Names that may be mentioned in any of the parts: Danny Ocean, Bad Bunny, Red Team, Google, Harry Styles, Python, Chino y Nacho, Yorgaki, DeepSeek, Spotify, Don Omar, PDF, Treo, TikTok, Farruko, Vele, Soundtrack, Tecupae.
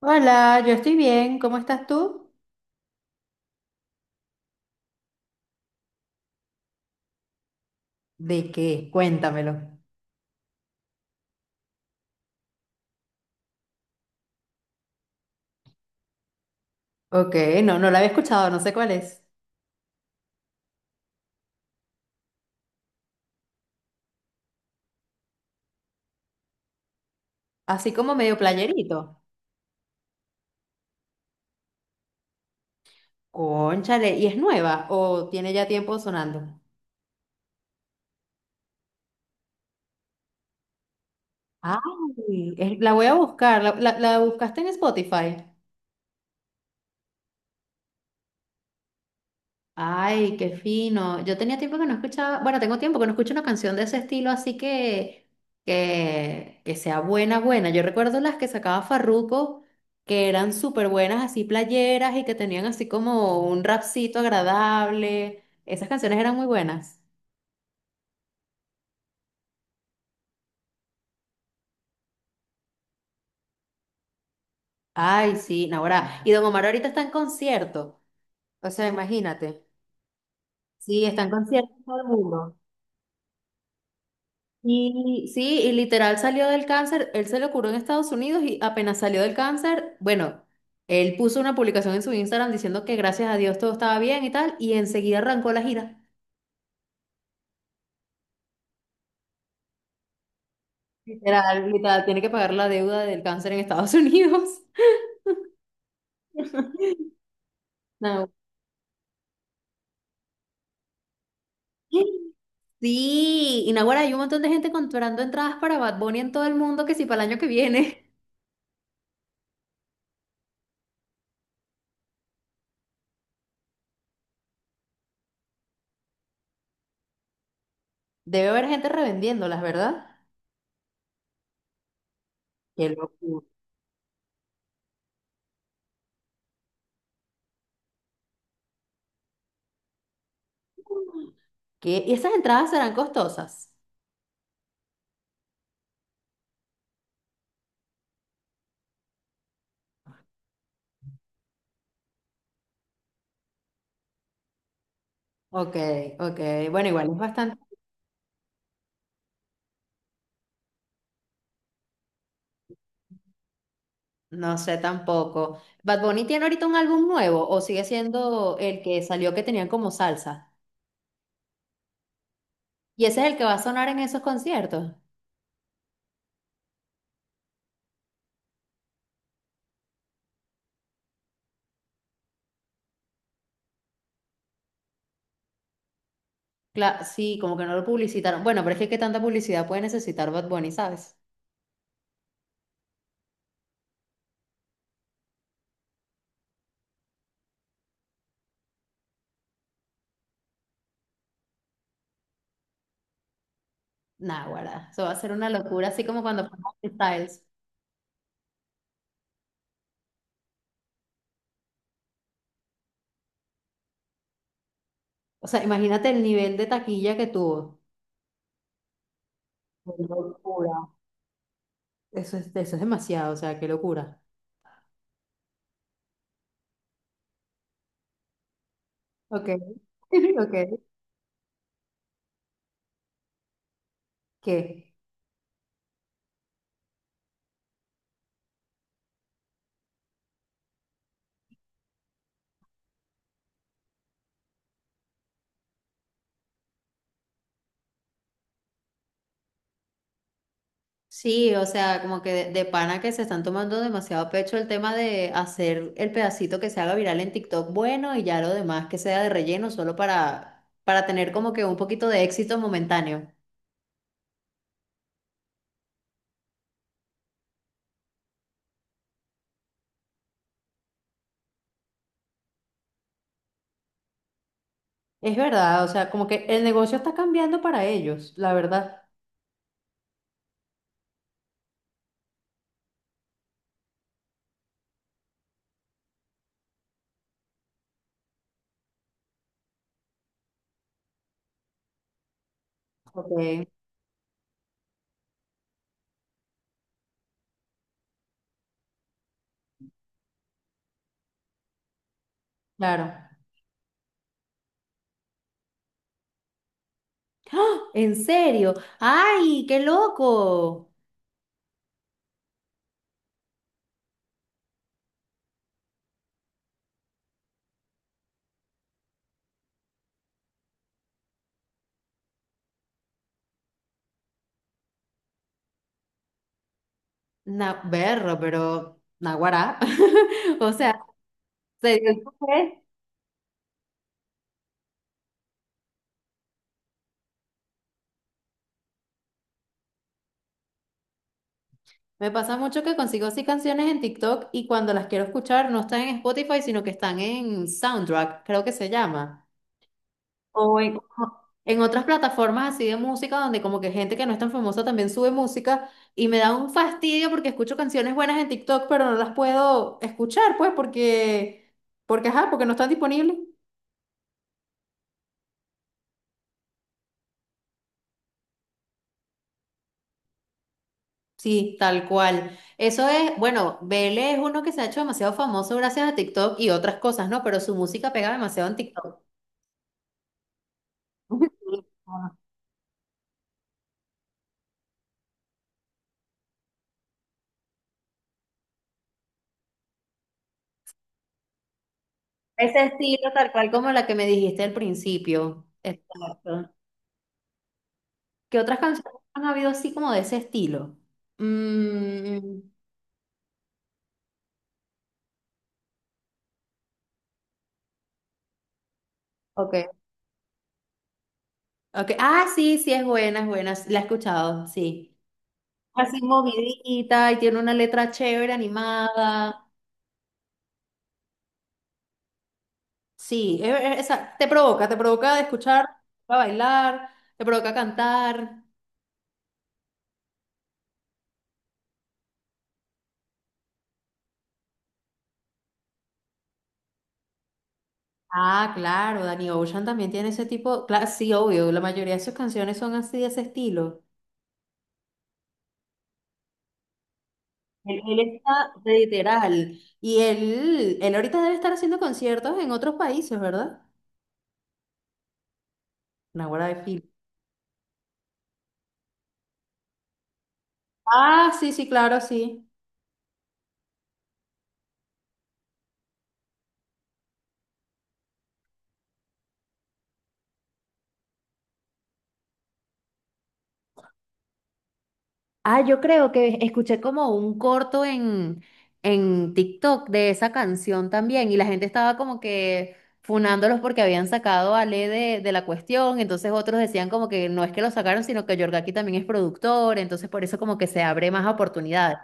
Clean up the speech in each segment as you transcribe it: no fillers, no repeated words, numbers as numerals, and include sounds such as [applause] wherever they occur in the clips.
Hola, yo estoy bien. ¿Cómo estás tú? ¿De qué? Cuéntamelo. Ok, no, no la había escuchado, no sé cuál es. Así como medio playerito. Cónchale, ¿y es nueva o tiene ya tiempo sonando? Ay, es- la voy a buscar. ¿La buscaste en Spotify? Ay, qué fino. Yo tenía tiempo que no escuchaba, bueno, tengo tiempo que no escucho una canción de ese estilo, así que que sea buena, buena. Yo recuerdo las que sacaba Farruko, que eran súper buenas, así playeras y que tenían así como un rapcito agradable. Esas canciones eran muy buenas. Ay, sí, Naguará. Y Don Omar ahorita está en concierto. O sea, imagínate. Sí, está en concierto todo el mundo. Y sí, y literal salió del cáncer, él se lo curó en Estados Unidos y apenas salió del cáncer, bueno, él puso una publicación en su Instagram diciendo que gracias a Dios todo estaba bien y tal, y enseguida arrancó la gira. Literal, literal, tiene que pagar la deuda del cáncer en Estados Unidos. [laughs] No. Sí, y Naguará, hay un montón de gente comprando entradas para Bad Bunny en todo el mundo que si para el año que viene. [laughs] Debe haber gente revendiéndolas, ¿verdad? Qué locura. ¿Qué? ¿Y esas entradas serán costosas? Ok, ok. Bueno, igual es bastante. No sé tampoco. ¿Bad Bunny tiene ahorita un álbum nuevo o sigue siendo el que salió que tenían como salsa? ¿Y ese es el que va a sonar en esos conciertos? Cla- sí, como que no lo publicitaron. Bueno, pero es que qué tanta publicidad puede necesitar Bad Bunny, ¿sabes? Nah, guarda, eso va a ser una locura, así como cuando fue Harry Styles. O sea, imagínate el nivel de taquilla que tuvo. Qué locura. Eso es demasiado, o sea, qué locura. Ok, [laughs] ok, ¿qué? Sí, o sea, como que de pana que se están tomando demasiado a pecho el tema de hacer el pedacito que se haga viral en TikTok bueno y ya lo demás que sea de relleno solo para tener como que un poquito de éxito momentáneo. Es verdad, o sea, como que el negocio está cambiando para ellos, la verdad. Ok. Claro. ¡Ah! ¿En serio? ¡Ay, qué loco! Na berro, pero naguará. [laughs] O sea, se dio. Me pasa mucho que consigo así canciones en TikTok y cuando las quiero escuchar no están en Spotify, sino que están en Soundtrack, creo que se llama. O en otras plataformas así de música donde como que gente que no es tan famosa también sube música y me da un fastidio porque escucho canciones buenas en TikTok, pero no las puedo escuchar, pues, porque, porque, ajá, porque no están disponibles. Sí, tal cual. Eso es, bueno, Vele es uno que se ha hecho demasiado famoso gracias a TikTok y otras cosas, ¿no? Pero su música pega demasiado en TikTok. [laughs] Ese estilo tal cual como la que me dijiste al principio. Exacto. ¿Qué otras canciones han habido así como de ese estilo? Mm, ok, ok. Ah, sí, sí, es buena, es buena. La he escuchado, sí. Así movidita y tiene una letra chévere, animada. Sí, esa te provoca de escuchar, a bailar, te provoca cantar. Ah, claro, Danny Ocean también tiene ese tipo. Claro, sí, obvio, la mayoría de sus canciones son así de ese estilo. Él está literal. Y él ahorita debe estar haciendo conciertos en otros países, ¿verdad? Naguará de Fil. Ah, sí, sí, claro, sí. Ah, yo creo que escuché como un corto en TikTok de esa canción también. Y la gente estaba como que funándolos porque habían sacado a Ale de la cuestión. Entonces otros decían como que no es que lo sacaron, sino que Yorgaki también es productor. Entonces por eso como que se abre más oportunidades.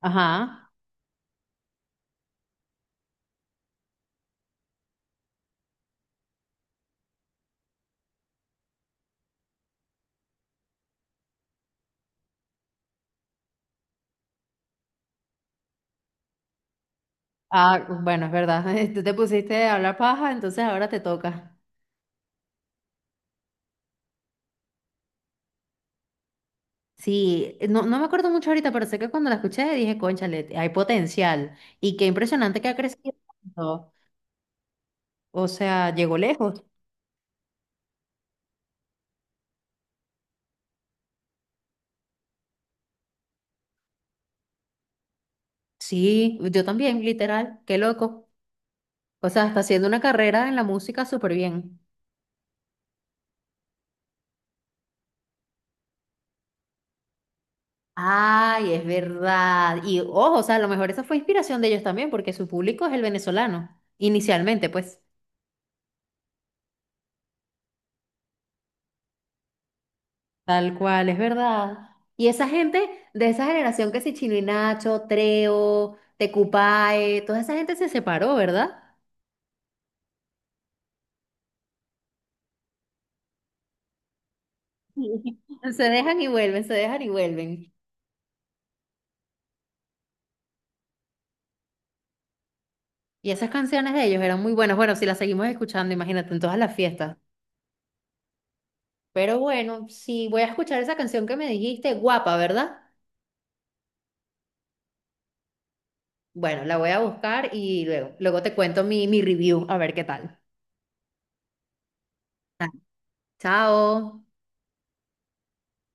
Ajá. Ah, bueno, es verdad. [laughs] Tú te pusiste a hablar paja, entonces ahora te toca. Sí, no, no me acuerdo mucho ahorita, pero sé que cuando la escuché dije, cónchale, hay potencial. Y qué impresionante que ha crecido tanto. O sea, llegó lejos. Sí, yo también, literal. Qué loco. O sea, está haciendo una carrera en la música súper bien. Ay, es verdad. Y ojo, o sea, a lo mejor esa fue inspiración de ellos también, porque su público es el venezolano, inicialmente, pues. Tal cual, es verdad. Y esa gente de esa generación que si Chino y Nacho, Treo, Tecupae, toda esa gente se separó, ¿verdad? Sí. Se dejan y vuelven, se dejan y vuelven. Y esas canciones de ellos eran muy buenas. Bueno, si las seguimos escuchando, imagínate, en todas las fiestas. Pero bueno, sí, voy a escuchar esa canción que me dijiste, guapa, ¿verdad? Bueno, la voy a buscar y luego, luego te cuento mi review, a ver qué tal. Ah, Chao.